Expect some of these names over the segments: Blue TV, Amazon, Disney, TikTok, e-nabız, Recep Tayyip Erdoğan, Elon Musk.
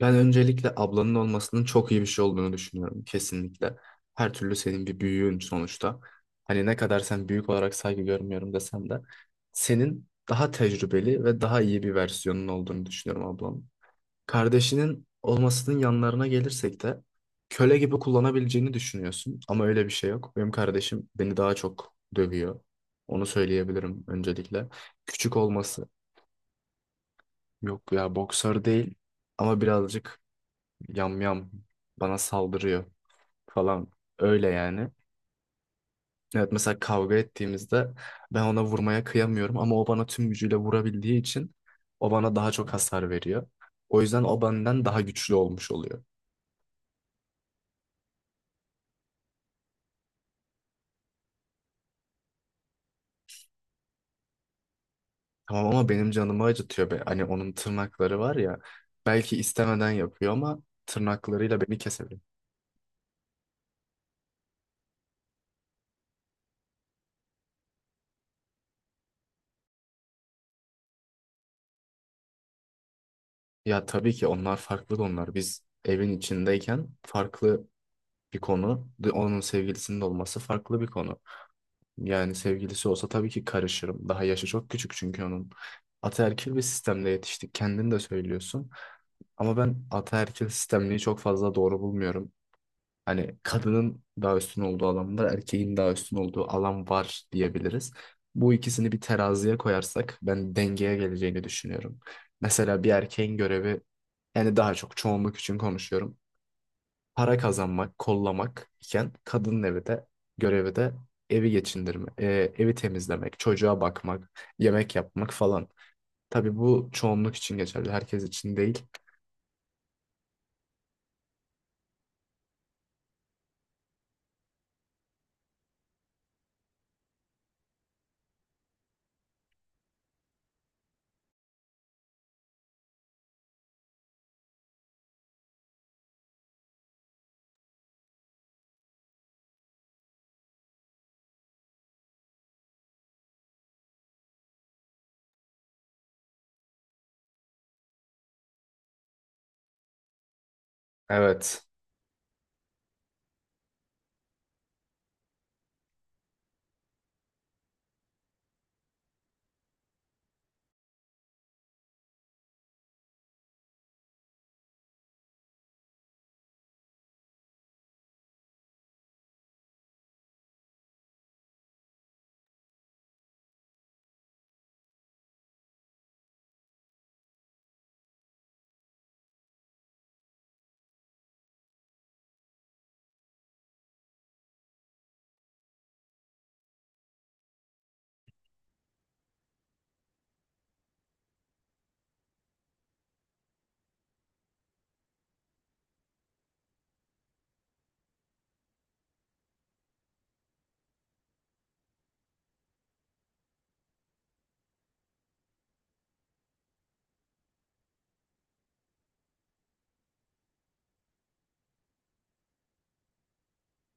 Ben öncelikle ablanın olmasının çok iyi bir şey olduğunu düşünüyorum kesinlikle. Her türlü senin bir büyüğün sonuçta. Hani ne kadar sen büyük olarak saygı görmüyorum desem de senin daha tecrübeli ve daha iyi bir versiyonun olduğunu düşünüyorum ablam. Kardeşinin olmasının yanlarına gelirsek de köle gibi kullanabileceğini düşünüyorsun ama öyle bir şey yok. Benim kardeşim beni daha çok dövüyor. Onu söyleyebilirim öncelikle. Küçük olması yok ya boksör değil ama birazcık yam yam bana saldırıyor falan öyle yani. Evet, mesela kavga ettiğimizde ben ona vurmaya kıyamıyorum ama o bana tüm gücüyle vurabildiği için o bana daha çok hasar veriyor. O yüzden o benden daha güçlü olmuş oluyor. Tamam ama benim canımı acıtıyor be. Hani onun tırnakları var ya, belki istemeden yapıyor ama tırnaklarıyla beni kesebilir. Ya tabii ki onlar farklı onlar. Biz evin içindeyken farklı bir konu. Onun sevgilisinin de olması farklı bir konu. Yani sevgilisi olsa tabii ki karışırım. Daha yaşı çok küçük çünkü onun. Ataerkil bir sistemde yetiştik. Kendin de söylüyorsun. Ama ben ataerkil sistemliği çok fazla doğru bulmuyorum. Hani kadının daha üstün olduğu alan var, erkeğin daha üstün olduğu alan var diyebiliriz. Bu ikisini bir teraziye koyarsak ben dengeye geleceğini düşünüyorum. Mesela bir erkeğin görevi, yani daha çok çoğunluk için konuşuyorum, para kazanmak, kollamak iken kadının evi de görevi de evi geçindirme, evi temizlemek, çocuğa bakmak, yemek yapmak falan. Tabii bu çoğunluk için geçerli, herkes için değil. Evet.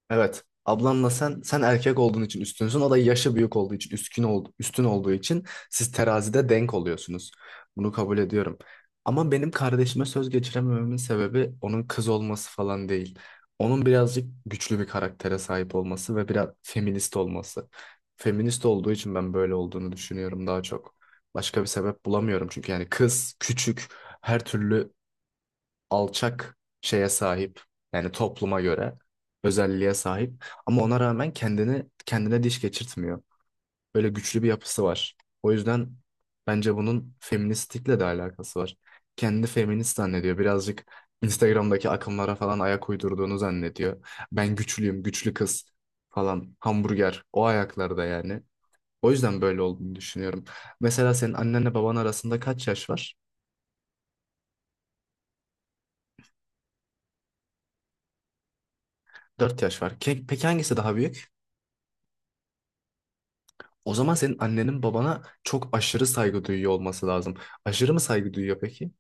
Evet. Ablanla sen sen erkek olduğun için üstünsün. O da yaşı büyük olduğu için üstün oldu, üstün olduğu için siz terazide denk oluyorsunuz. Bunu kabul ediyorum. Ama benim kardeşime söz geçiremememin sebebi onun kız olması falan değil. Onun birazcık güçlü bir karaktere sahip olması ve biraz feminist olması. Feminist olduğu için ben böyle olduğunu düşünüyorum daha çok. Başka bir sebep bulamıyorum çünkü yani kız küçük, her türlü alçak şeye sahip, yani topluma göre özelliğe sahip ama ona rağmen kendini kendine diş geçirtmiyor. Böyle güçlü bir yapısı var. O yüzden bence bunun feministlikle de alakası var. Kendini feminist zannediyor. Birazcık Instagram'daki akımlara falan ayak uydurduğunu zannediyor. Ben güçlüyüm, güçlü kız falan, hamburger o ayaklarda yani. O yüzden böyle olduğunu düşünüyorum. Mesela senin annenle baban arasında kaç yaş var? Dört yaş var. Peki hangisi daha büyük? O zaman senin annenin babana çok aşırı saygı duyuyor olması lazım. Aşırı mı saygı duyuyor peki?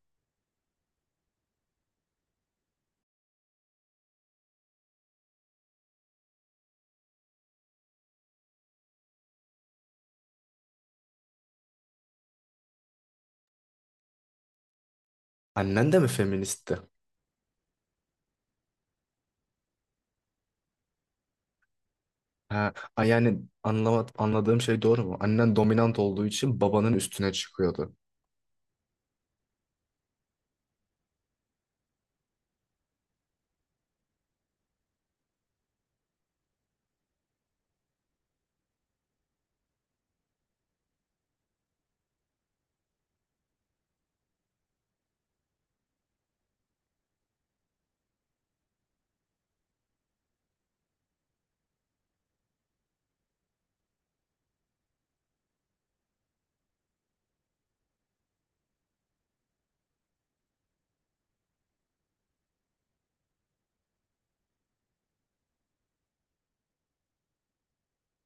Annen de mi feministti? Ha, yani anladığım şey doğru mu? Annen dominant olduğu için babanın üstüne çıkıyordu.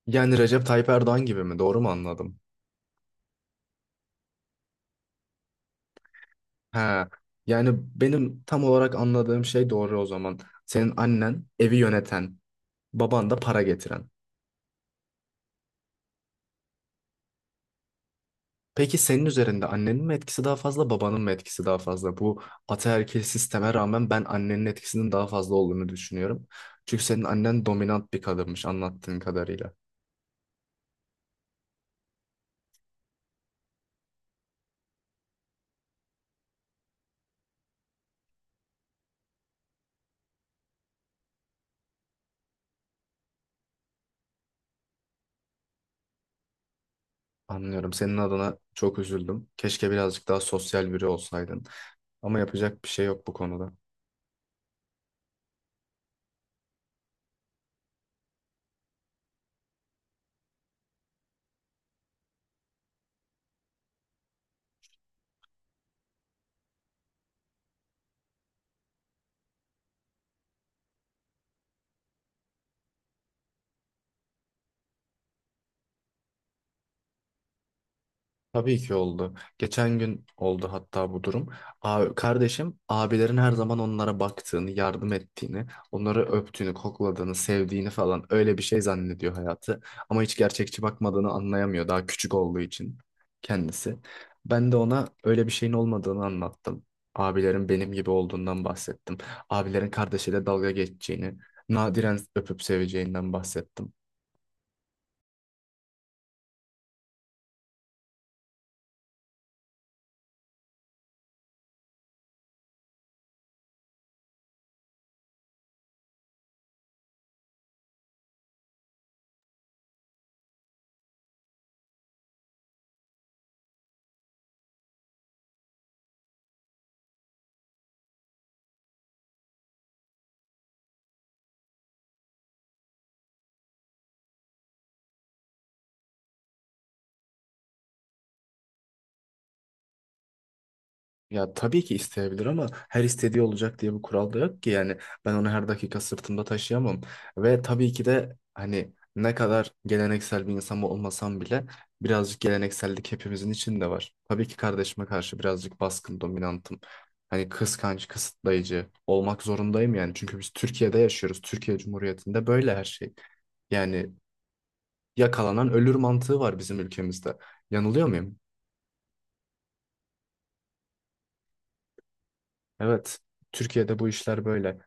Yani Recep Tayyip Erdoğan gibi mi? Doğru mu anladım? Ha, yani benim tam olarak anladığım şey doğru o zaman. Senin annen evi yöneten, baban da para getiren. Peki senin üzerinde annenin mi etkisi daha fazla, babanın mı etkisi daha fazla? Bu ataerkil sisteme rağmen ben annenin etkisinin daha fazla olduğunu düşünüyorum. Çünkü senin annen dominant bir kadınmış anlattığın kadarıyla. Anlıyorum. Senin adına çok üzüldüm. Keşke birazcık daha sosyal biri olsaydın. Ama yapacak bir şey yok bu konuda. Tabii ki oldu. Geçen gün oldu hatta bu durum. Kardeşim abilerin her zaman onlara baktığını, yardım ettiğini, onları öptüğünü, kokladığını, sevdiğini falan, öyle bir şey zannediyor hayatı. Ama hiç gerçekçi bakmadığını anlayamıyor daha küçük olduğu için kendisi. Ben de ona öyle bir şeyin olmadığını anlattım. Abilerin benim gibi olduğundan bahsettim. Abilerin kardeşiyle dalga geçeceğini, nadiren öpüp seveceğinden bahsettim. Ya tabii ki isteyebilir ama her istediği olacak diye bir kural da yok ki, yani ben onu her dakika sırtımda taşıyamam ve tabii ki de hani ne kadar geleneksel bir insan olmasam bile birazcık geleneksellik hepimizin içinde var. Tabii ki kardeşime karşı birazcık baskın, dominantım. Hani kıskanç, kısıtlayıcı olmak zorundayım yani, çünkü biz Türkiye'de yaşıyoruz. Türkiye Cumhuriyeti'nde böyle her şey. Yani yakalanan ölür mantığı var bizim ülkemizde. Yanılıyor muyum? Evet. Türkiye'de bu işler böyle.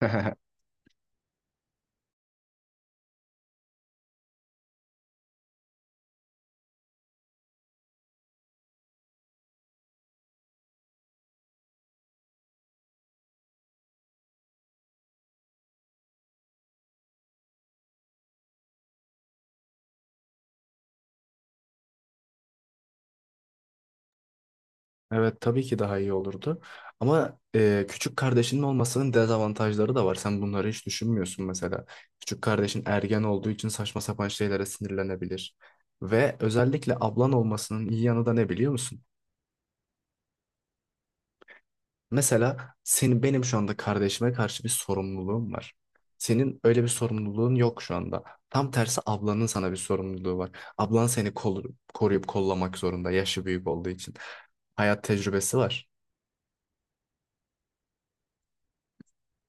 Evet, tabii ki daha iyi olurdu. Ama küçük kardeşinin olmasının dezavantajları da var. Sen bunları hiç düşünmüyorsun mesela. Küçük kardeşin ergen olduğu için saçma sapan şeylere sinirlenebilir. Ve özellikle ablan olmasının iyi yanı da ne biliyor musun? Mesela senin benim şu anda kardeşime karşı bir sorumluluğum var. Senin öyle bir sorumluluğun yok şu anda. Tam tersi, ablanın sana bir sorumluluğu var. Ablan seni koruyup kollamak zorunda yaşı büyük olduğu için. Hayat tecrübesi var.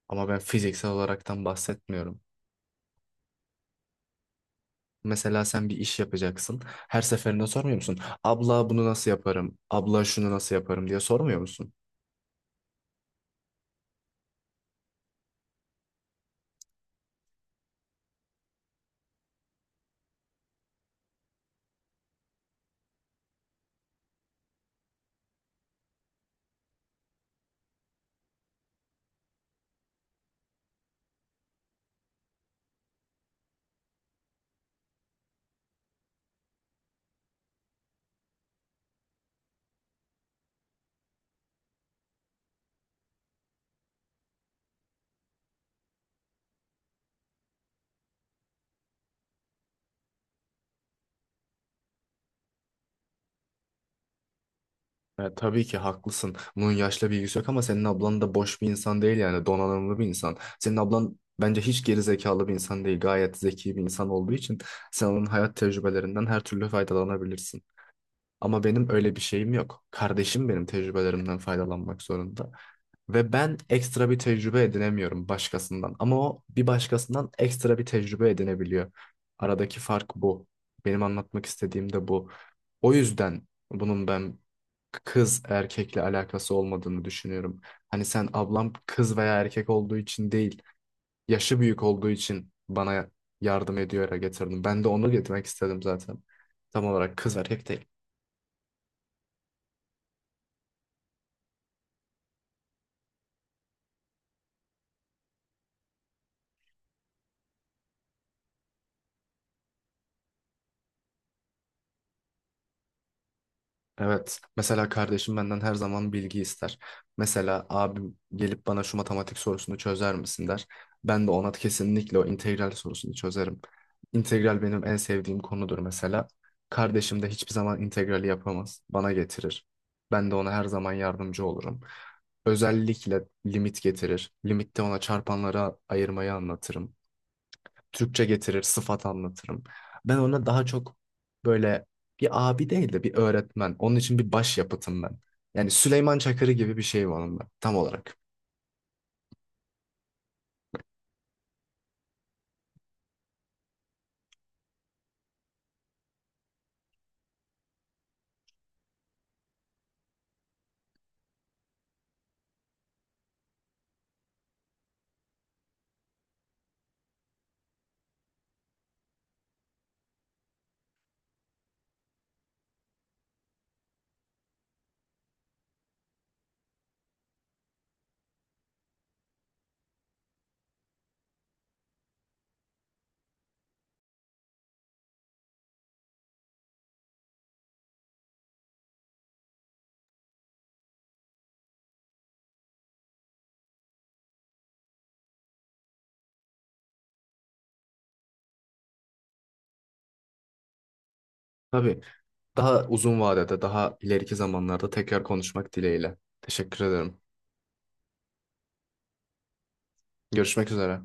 Ama ben fiziksel olaraktan bahsetmiyorum. Mesela sen bir iş yapacaksın. Her seferinde sormuyor musun? Abla bunu nasıl yaparım? Abla şunu nasıl yaparım diye sormuyor musun? Tabii ki haklısın. Bunun yaşla bilgisi yok ama senin ablan da boş bir insan değil, yani donanımlı bir insan. Senin ablan bence hiç geri zekalı bir insan değil. Gayet zeki bir insan olduğu için sen onun hayat tecrübelerinden her türlü faydalanabilirsin. Ama benim öyle bir şeyim yok. Kardeşim benim tecrübelerimden faydalanmak zorunda. Ve ben ekstra bir tecrübe edinemiyorum başkasından. Ama o bir başkasından ekstra bir tecrübe edinebiliyor. Aradaki fark bu. Benim anlatmak istediğim de bu. O yüzden bunun ben kız erkekle alakası olmadığını düşünüyorum. Hani sen ablam kız veya erkek olduğu için değil, yaşı büyük olduğu için bana yardım ediyor getirdim. Ben de onu getirmek istedim zaten. Tam olarak kız erkek değil. Evet. Mesela kardeşim benden her zaman bilgi ister. Mesela abim gelip bana şu matematik sorusunu çözer misin der. Ben de ona kesinlikle o integral sorusunu çözerim. İntegral benim en sevdiğim konudur mesela. Kardeşim de hiçbir zaman integrali yapamaz. Bana getirir. Ben de ona her zaman yardımcı olurum. Özellikle limit getirir. Limitte ona çarpanlara ayırmayı anlatırım. Türkçe getirir, sıfat anlatırım. Ben ona daha çok böyle bir abi değil de bir öğretmen. Onun için bir başyapıtım ben. Yani Süleyman Çakır'ı gibi bir şey onunla tam olarak. Tabii, daha uzun vadede, daha ileriki zamanlarda tekrar konuşmak dileğiyle. Teşekkür ederim. Görüşmek üzere.